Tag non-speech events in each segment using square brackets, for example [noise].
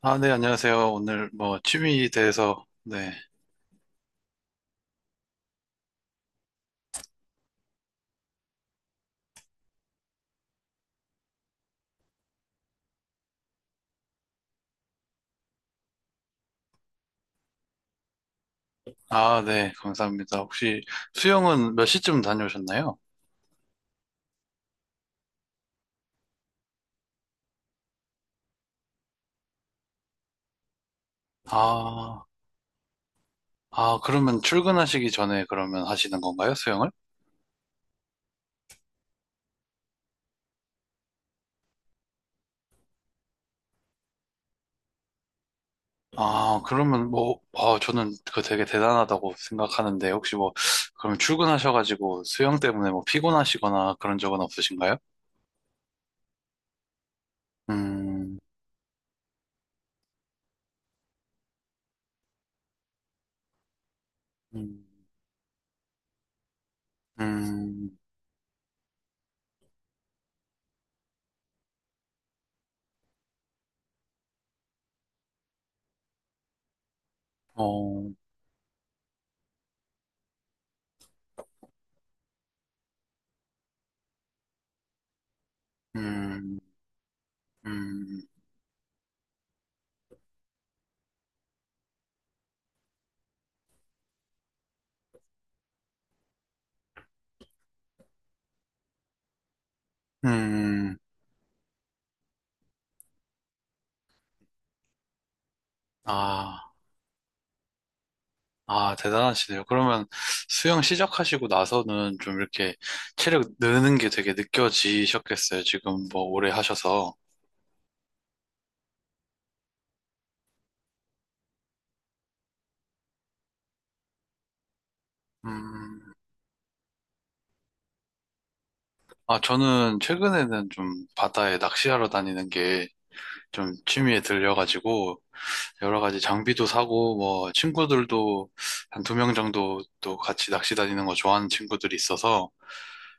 아, 네, 안녕하세요. 오늘 뭐 취미에 대해서, 네. 아, 네, 감사합니다. 혹시 수영은 몇 시쯤 다녀오셨나요? 아, 아, 그러면 출근하시기 전에 그러면 하시는 건가요, 수영을? 아, 그러면 뭐, 아, 저는 그 되게 대단하다고 생각하는데, 혹시 뭐, 그럼 출근하셔가지고 수영 때문에 뭐 피곤하시거나 그런 적은 없으신가요? 음. 음. 음. 어. 음. 음. 음. 아. 아, 대단하시네요. 그러면 수영 시작하시고 나서는 좀 이렇게 체력 느는 게 되게 느껴지셨겠어요. 지금 뭐 오래 하셔서. 음. 아, 저는 최근에는 좀 바다에 낚시하러 다니는 게 좀 취미에 들려가지고 여러 가지 장비도 사고 뭐 친구들도 한 두 명 정도 또 같이 낚시 다니는 거 좋아하는 친구들이 있어서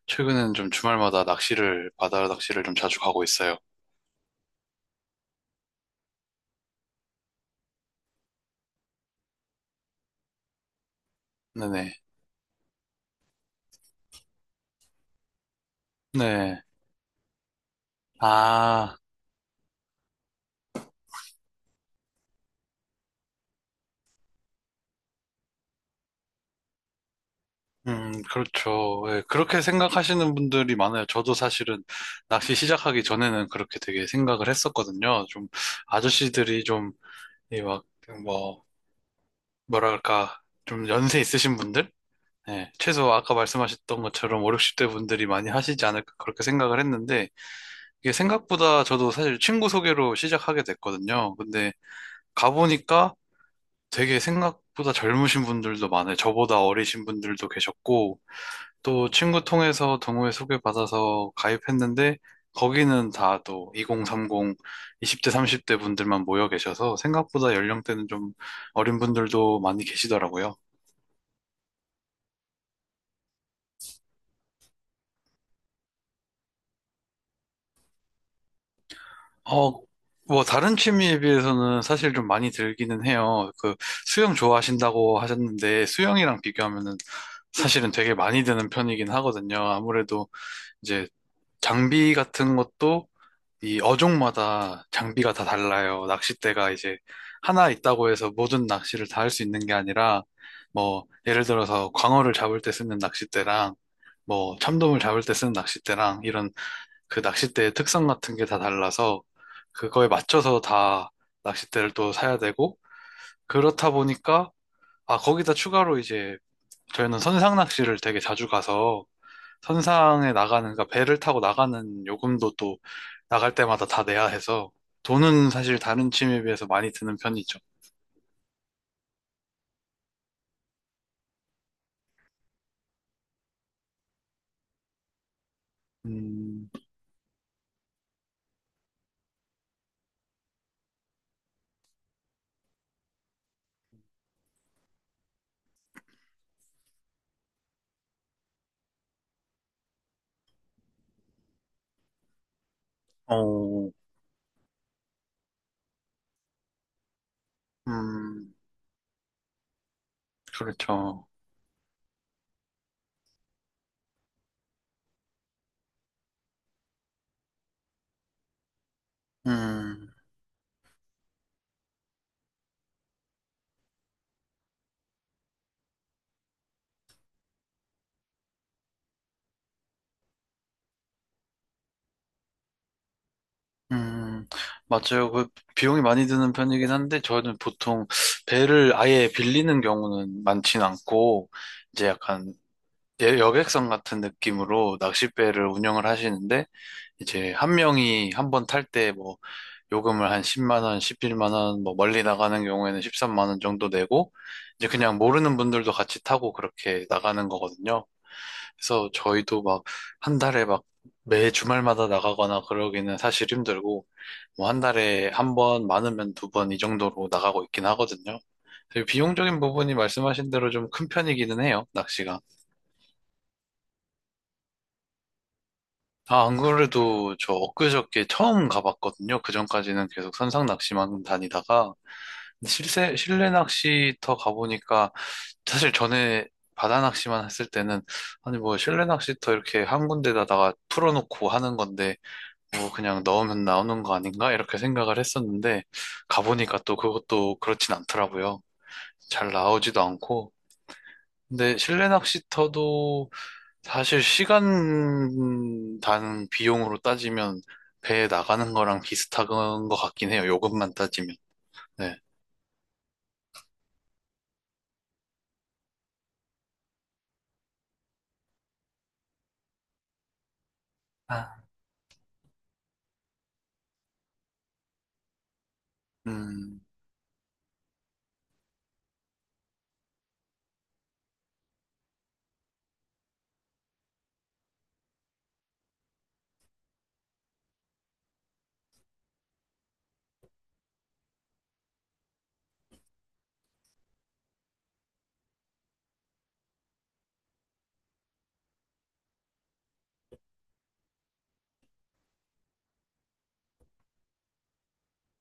최근에는 좀 주말마다 낚시를, 바다 낚시를 좀 자주 가고 있어요. 네네. 네. 아. 그렇죠. 예, 그렇게 생각하시는 분들이 많아요. 저도 사실은 낚시 시작하기 전에는 그렇게 되게 생각을 했었거든요. 좀 아저씨들이 좀, 이 막, 뭐, 뭐랄까, 좀 연세 있으신 분들? 예, 최소 아까 말씀하셨던 것처럼 5, 60대 분들이 많이 하시지 않을까 그렇게 생각을 했는데, 이게 생각보다 저도 사실 친구 소개로 시작하게 됐거든요. 근데 가보니까 되게 생각보다 젊으신 분들도 많아요. 저보다 어리신 분들도 계셨고, 또 친구 통해서 동호회 소개받아서 가입했는데 거기는 다 또 2030, 20대, 30대 분들만 모여 계셔서 생각보다 연령대는 좀 어린 분들도 많이 계시더라고요. 어, 뭐 다른 취미에 비해서는 사실 좀 많이 들기는 해요. 그 수영 좋아하신다고 하셨는데 수영이랑 비교하면은 사실은 되게 많이 드는 편이긴 하거든요. 아무래도 이제 장비 같은 것도 이 어종마다 장비가 다 달라요. 낚싯대가 이제 하나 있다고 해서 모든 낚시를 다 할 수 있는 게 아니라, 뭐, 예를 들어서 광어를 잡을 때 쓰는 낚싯대랑, 뭐, 참돔을 잡을 때 쓰는 낚싯대랑, 이런 그 낚싯대의 특성 같은 게 다 달라서, 그거에 맞춰서 다 낚싯대를 또 사야 되고, 그렇다 보니까, 아, 거기다 추가로 이제, 저희는 선상 낚시를 되게 자주 가서, 선상에 나가는, 그러니까 배를 타고 나가는 요금도 또 나갈 때마다 다 내야 해서 돈은 사실 다른 취미에 비해서 많이 드는 편이죠. 음. 어. 음, 그렇죠. 음. 음, 맞아요. 그 비용이 많이 드는 편이긴 한데 저는 보통 배를 아예 빌리는 경우는 많진 않고 이제 약간 여객선 같은 느낌으로 낚싯배를 운영을 하시는데 이제 한 명이 한 번 탈때뭐 요금을 한 10만 원, 11만 원, 뭐 멀리 나가는 경우에는 13만 원 정도 내고 이제 그냥 모르는 분들도 같이 타고 그렇게 나가는 거거든요. 그래서 저희도 막 한 달에 막 매 주말마다 나가거나 그러기는 사실 힘들고 뭐 한 달에 한 번, 많으면 2번 이 정도로 나가고 있긴 하거든요. 그래서 비용적인 부분이 말씀하신 대로 좀 큰 편이기는 해요, 낚시가. 아, 안 그래도 저 엊그저께 처음 가봤거든요. 그전까지는 계속 선상 낚시만 다니다가 실내 낚시터 가보니까 사실 전에 바다 낚시만 했을 때는 아니 뭐 실내 낚시터 이렇게 한 군데다가 풀어놓고 하는 건데 뭐 그냥 넣으면 나오는 거 아닌가 이렇게 생각을 했었는데 가보니까 또 그것도 그렇진 않더라고요. 잘 나오지도 않고 근데 실내 낚시터도 사실 시간 단 비용으로 따지면 배에 나가는 거랑 비슷한 것 같긴 해요. 요금만 따지면. 네. 아. 음.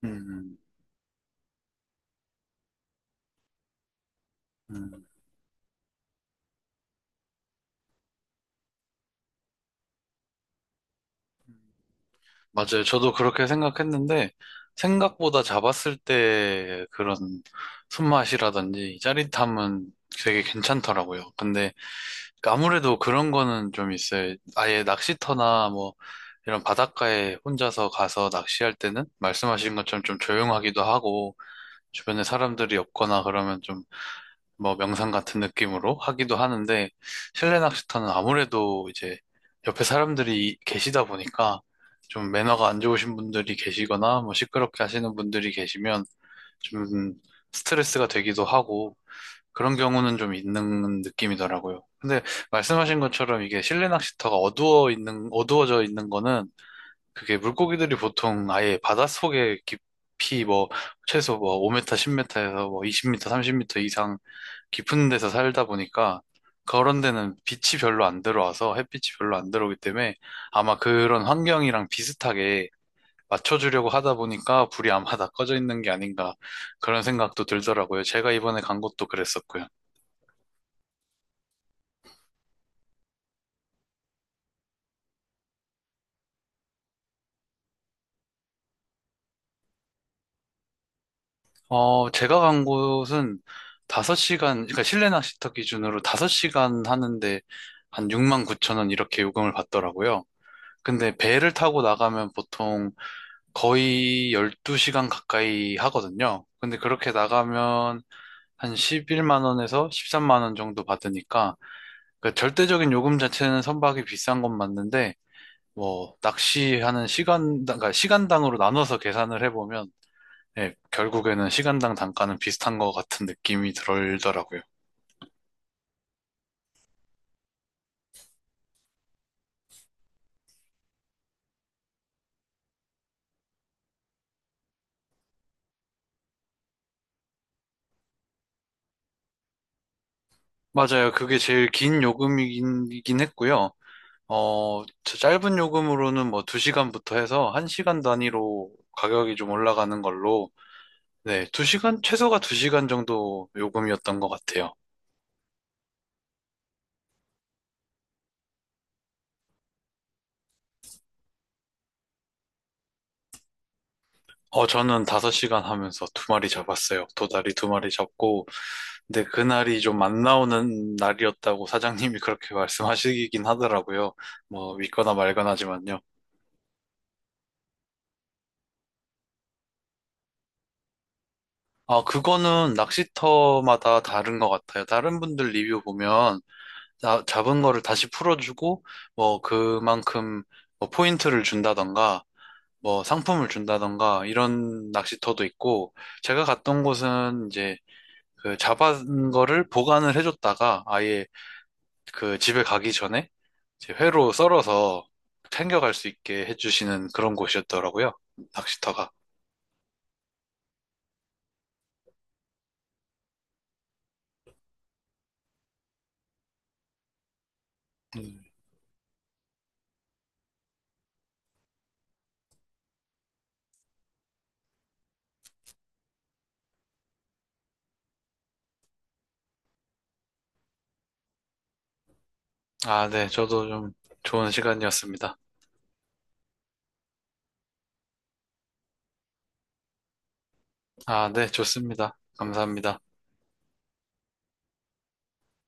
음. 음. 맞아요. 저도 그렇게 생각했는데, 생각보다 잡았을 때 그런 손맛이라든지 짜릿함은 되게 괜찮더라고요. 근데 아무래도 그런 거는 좀 있어요. 아예 낚시터나 뭐 이런 바닷가에 혼자서 가서 낚시할 때는 말씀하신 것처럼 좀 조용하기도 하고, 주변에 사람들이 없거나 그러면 좀 뭐 명상 같은 느낌으로 하기도 하는데 실내 낚시터는 아무래도 이제 옆에 사람들이 계시다 보니까 좀 매너가 안 좋으신 분들이 계시거나 뭐 시끄럽게 하시는 분들이 계시면 좀 스트레스가 되기도 하고 그런 경우는 좀 있는 느낌이더라고요. 근데 말씀하신 것처럼 이게 실내 낚시터가 어두워져 있는 거는 그게 물고기들이 보통 아예 바닷속에 깊이 뭐 최소 뭐 5m, 10m에서 뭐 20m, 30m 이상 깊은 데서 살다 보니까 그런 데는 빛이 별로 안 들어와서 햇빛이 별로 안 들어오기 때문에 아마 그런 환경이랑 비슷하게 맞춰주려고 하다 보니까 불이 아마 다 꺼져 있는 게 아닌가 그런 생각도 들더라고요. 제가 이번에 간 곳도 그랬었고요. 어, 제가 간 곳은 5시간, 그러니까 실내 낚시터 기준으로 5시간 하는데 한 6만 9천 원 이렇게 요금을 받더라고요. 근데 배를 타고 나가면 보통 거의 12시간 가까이 하거든요. 근데 그렇게 나가면 한 11만 원에서 13만 원 정도 받으니까 그 절대적인 요금 자체는 선박이 비싼 건 맞는데 뭐 낚시하는 시간 그러니까 시간당으로 나눠서 계산을 해보면 예, 결국에는 시간당 단가는 비슷한 것 같은 느낌이 들더라고요. 맞아요. 그게 제일 긴 요금이긴 했고요. 어, 저 짧은 요금으로는 뭐 2시간부터 해서 1시간 단위로 가격이 좀 올라가는 걸로 네, 2시간 최소가 2시간 정도 요금이었던 것 같아요. 어, 저는 5시간 하면서 2마리 잡았어요. 도다리 2마리 잡고, 근데 그날이 좀 안 나오는 날이었다고 사장님이 [laughs] 그렇게 말씀하시긴 하더라고요. 뭐, 믿거나 말거나지만요. 아, 그거는 낚시터마다 다른 것 같아요. 다른 분들 리뷰 보면, 잡은 거를 다시 풀어주고, 뭐, 그만큼, 뭐 포인트를 준다던가, 뭐 상품을 준다던가 이런 낚시터도 있고 제가 갔던 곳은 이제 그 잡은 거를 보관을 해줬다가 아예 그 집에 가기 전에 이제 회로 썰어서 챙겨갈 수 있게 해주시는 그런 곳이었더라고요. 낚시터가. 음. 아, 네. 저도 좀 좋은 시간이었습니다. 아, 네. 좋습니다. 감사합니다.